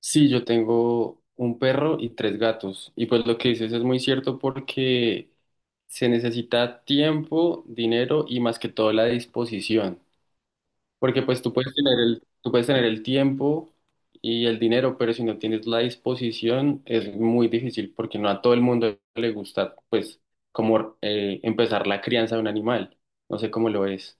Sí, yo tengo un perro y tres gatos. Y pues lo que dices es muy cierto porque se necesita tiempo, dinero y más que todo la disposición. Porque pues tú puedes tener el tiempo y el dinero, pero si no tienes la disposición es muy difícil porque no a todo el mundo le gusta pues como empezar la crianza de un animal. No sé cómo lo es.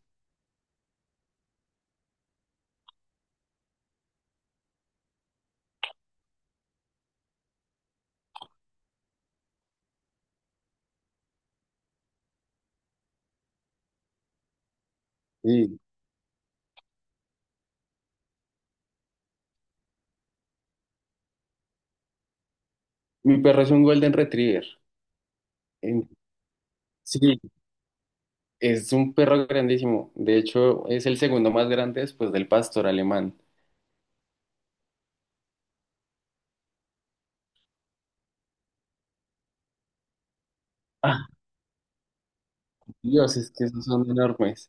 Sí. Mi perro es un Golden Retriever. En- Sí. Es un perro grandísimo. De hecho, es el segundo más grande después del pastor alemán. Ah, Dios, es que esos son enormes.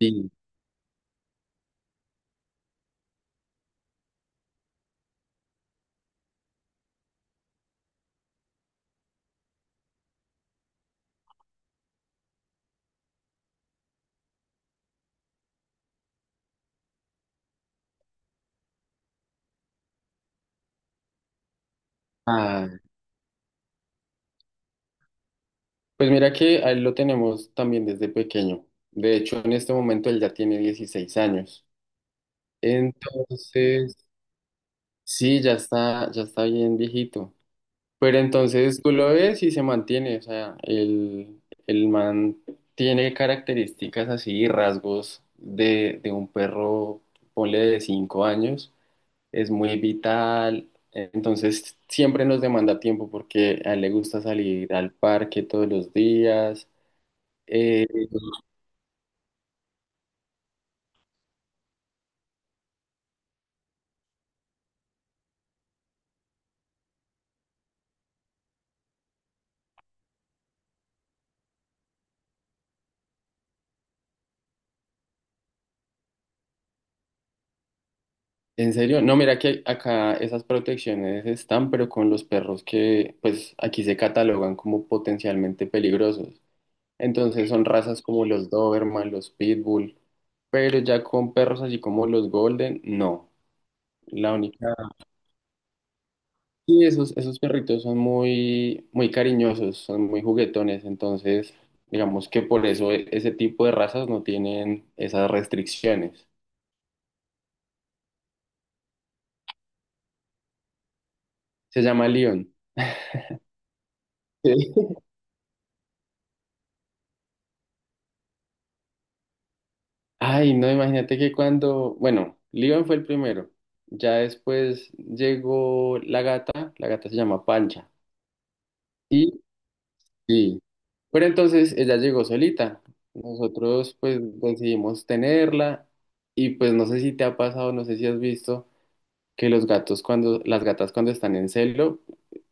Sí. Ah, pues mira que a él lo tenemos también desde pequeño. De hecho, en este momento él ya tiene 16 años. Entonces, sí, ya está bien viejito. Pero entonces tú lo ves y se mantiene. O sea, el man tiene características así, rasgos de un perro, ponle de 5 años. Es muy vital, entonces siempre nos demanda tiempo porque a él le gusta salir al parque todos los días. Eh, en serio, no, mira que acá esas protecciones están, pero con los perros que pues aquí se catalogan como potencialmente peligrosos. Entonces son razas como los Doberman, los Pitbull, pero ya con perros así como los Golden, no. La única. Y esos perritos son muy, muy cariñosos, son muy juguetones, entonces digamos que por eso ese tipo de razas no tienen esas restricciones. Se llama León. Sí. Ay, no, imagínate que cuando, bueno, León fue el primero, ya después llegó la gata se llama Pancha, y sí, pero entonces ella llegó solita, nosotros pues decidimos tenerla y pues no sé si te ha pasado, no sé si has visto que los gatos cuando, las gatas cuando están en celo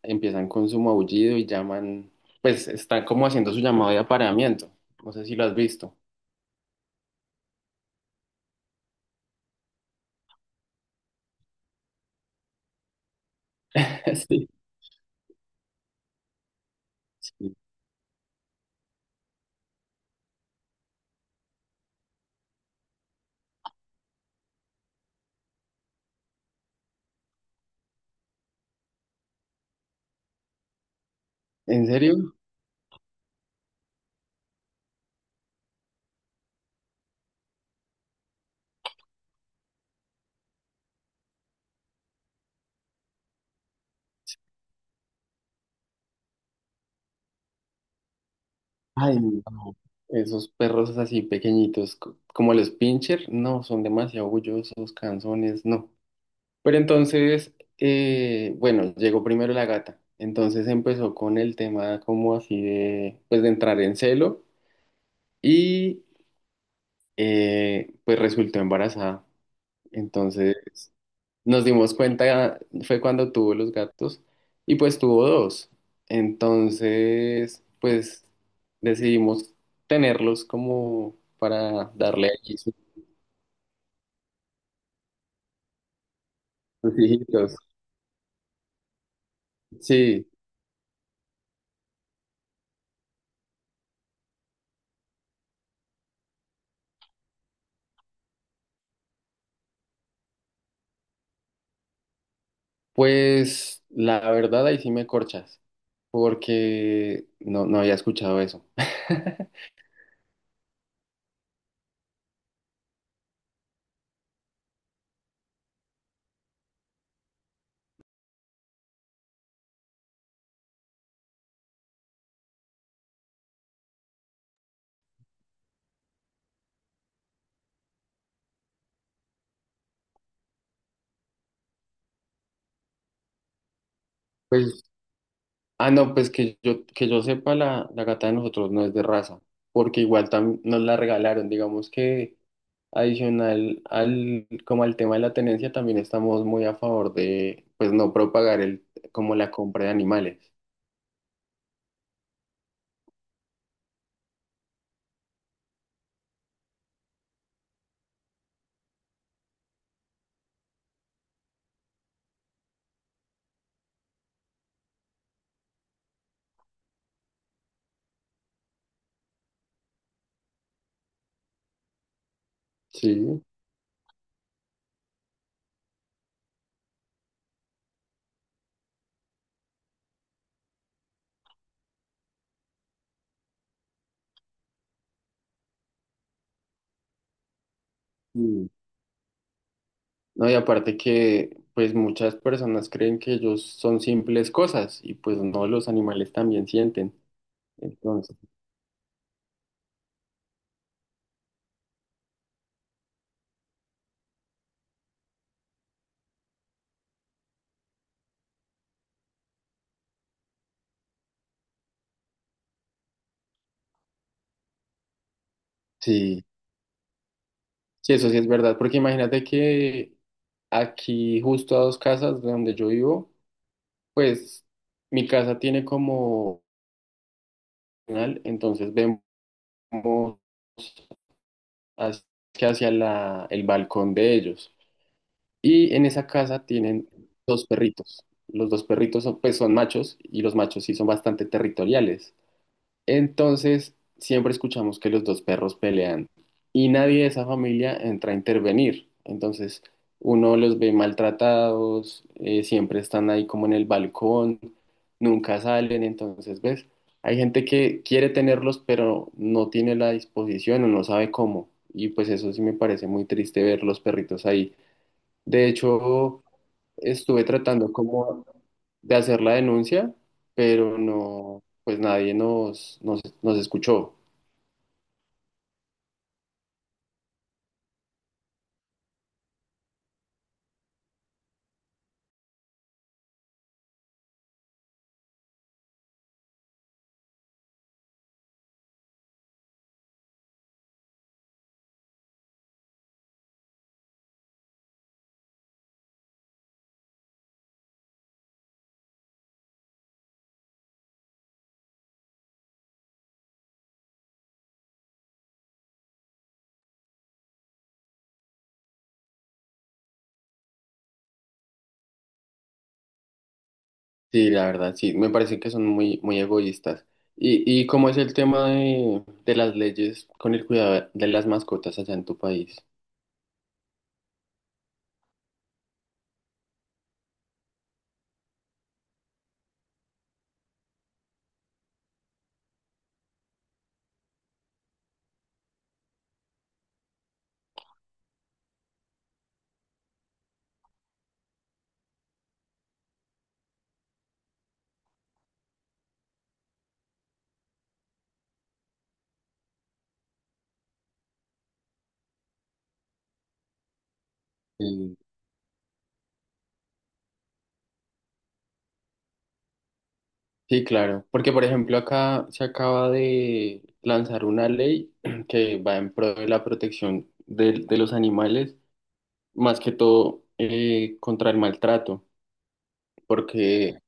empiezan con su maullido y llaman, pues están como haciendo su llamado de apareamiento. No sé si lo has visto. Sí, sí. ¿En serio? Ay, no. Esos perros así pequeñitos, como los pincher, no, son demasiado orgullosos, canzones, no. Pero entonces, bueno, llegó primero la gata. Entonces empezó con el tema como así de, pues de entrar en celo y pues resultó embarazada. Entonces nos dimos cuenta, fue cuando tuvo los gatos y pues tuvo dos. Entonces, pues decidimos tenerlos como para darle allí sus hijitos. Sí, pues la verdad ahí sí me corchas porque no, no había escuchado eso. Pues, ah, no, pues que yo sepa, la gata de nosotros no es de raza, porque igual también nos la regalaron, digamos que adicional al, como al tema de la tenencia, también estamos muy a favor de, pues no propagar el, como la compra de animales, ¿sí? Mm. No, y aparte que, pues muchas personas creen que ellos son simples cosas, y pues no, los animales también sienten, entonces, sí, sí, eso sí es verdad, porque imagínate que aquí, justo a dos casas de donde yo vivo. Pues mi casa tiene como canal, entonces vemos hacia el balcón de ellos. Y en esa casa tienen dos perritos. Los dos perritos son machos y los machos sí son bastante territoriales. Entonces, siempre escuchamos que los dos perros pelean y nadie de esa familia entra a intervenir. Entonces, uno los ve maltratados, siempre están ahí como en el balcón, nunca salen. Entonces, ¿ves? Hay gente que quiere tenerlos, pero no tiene la disposición o no sabe cómo. Y pues eso sí me parece muy triste ver los perritos ahí. De hecho, estuve tratando como de hacer la denuncia, pero no, pues nadie nos escuchó. Sí, la verdad, sí, me parece que son muy, muy egoístas. ¿Y cómo es el tema de las leyes con el cuidado de las mascotas allá en tu país? Sí. Sí, claro, porque por ejemplo acá se acaba de lanzar una ley que va en pro de la protección de los animales, más que todo contra el maltrato, porque.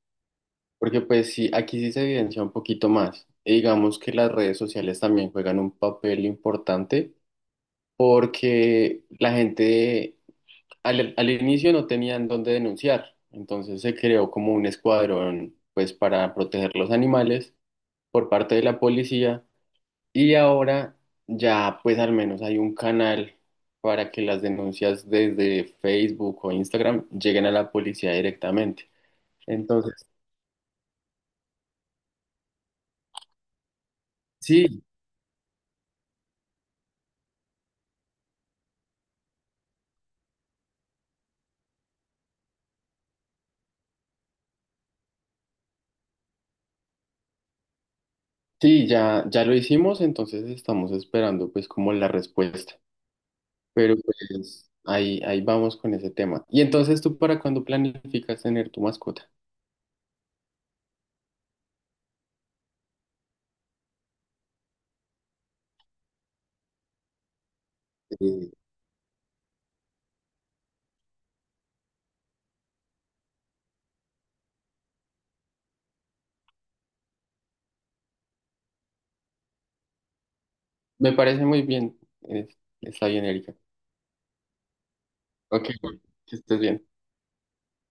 Porque pues sí, aquí sí se evidencia un poquito más. Y digamos que las redes sociales también juegan un papel importante porque la gente al inicio no tenían dónde denunciar. Entonces se creó como un escuadrón pues para proteger los animales por parte de la policía y ahora ya pues al menos hay un canal para que las denuncias desde Facebook o Instagram lleguen a la policía directamente. Entonces, sí. Sí, ya, ya lo hicimos, entonces estamos esperando pues como la respuesta. Pero pues ahí, ahí vamos con ese tema. ¿Y entonces tú para cuándo planificas tener tu mascota? Eh, Me parece muy bien. Está bien, Erika. Ok, que estés bien.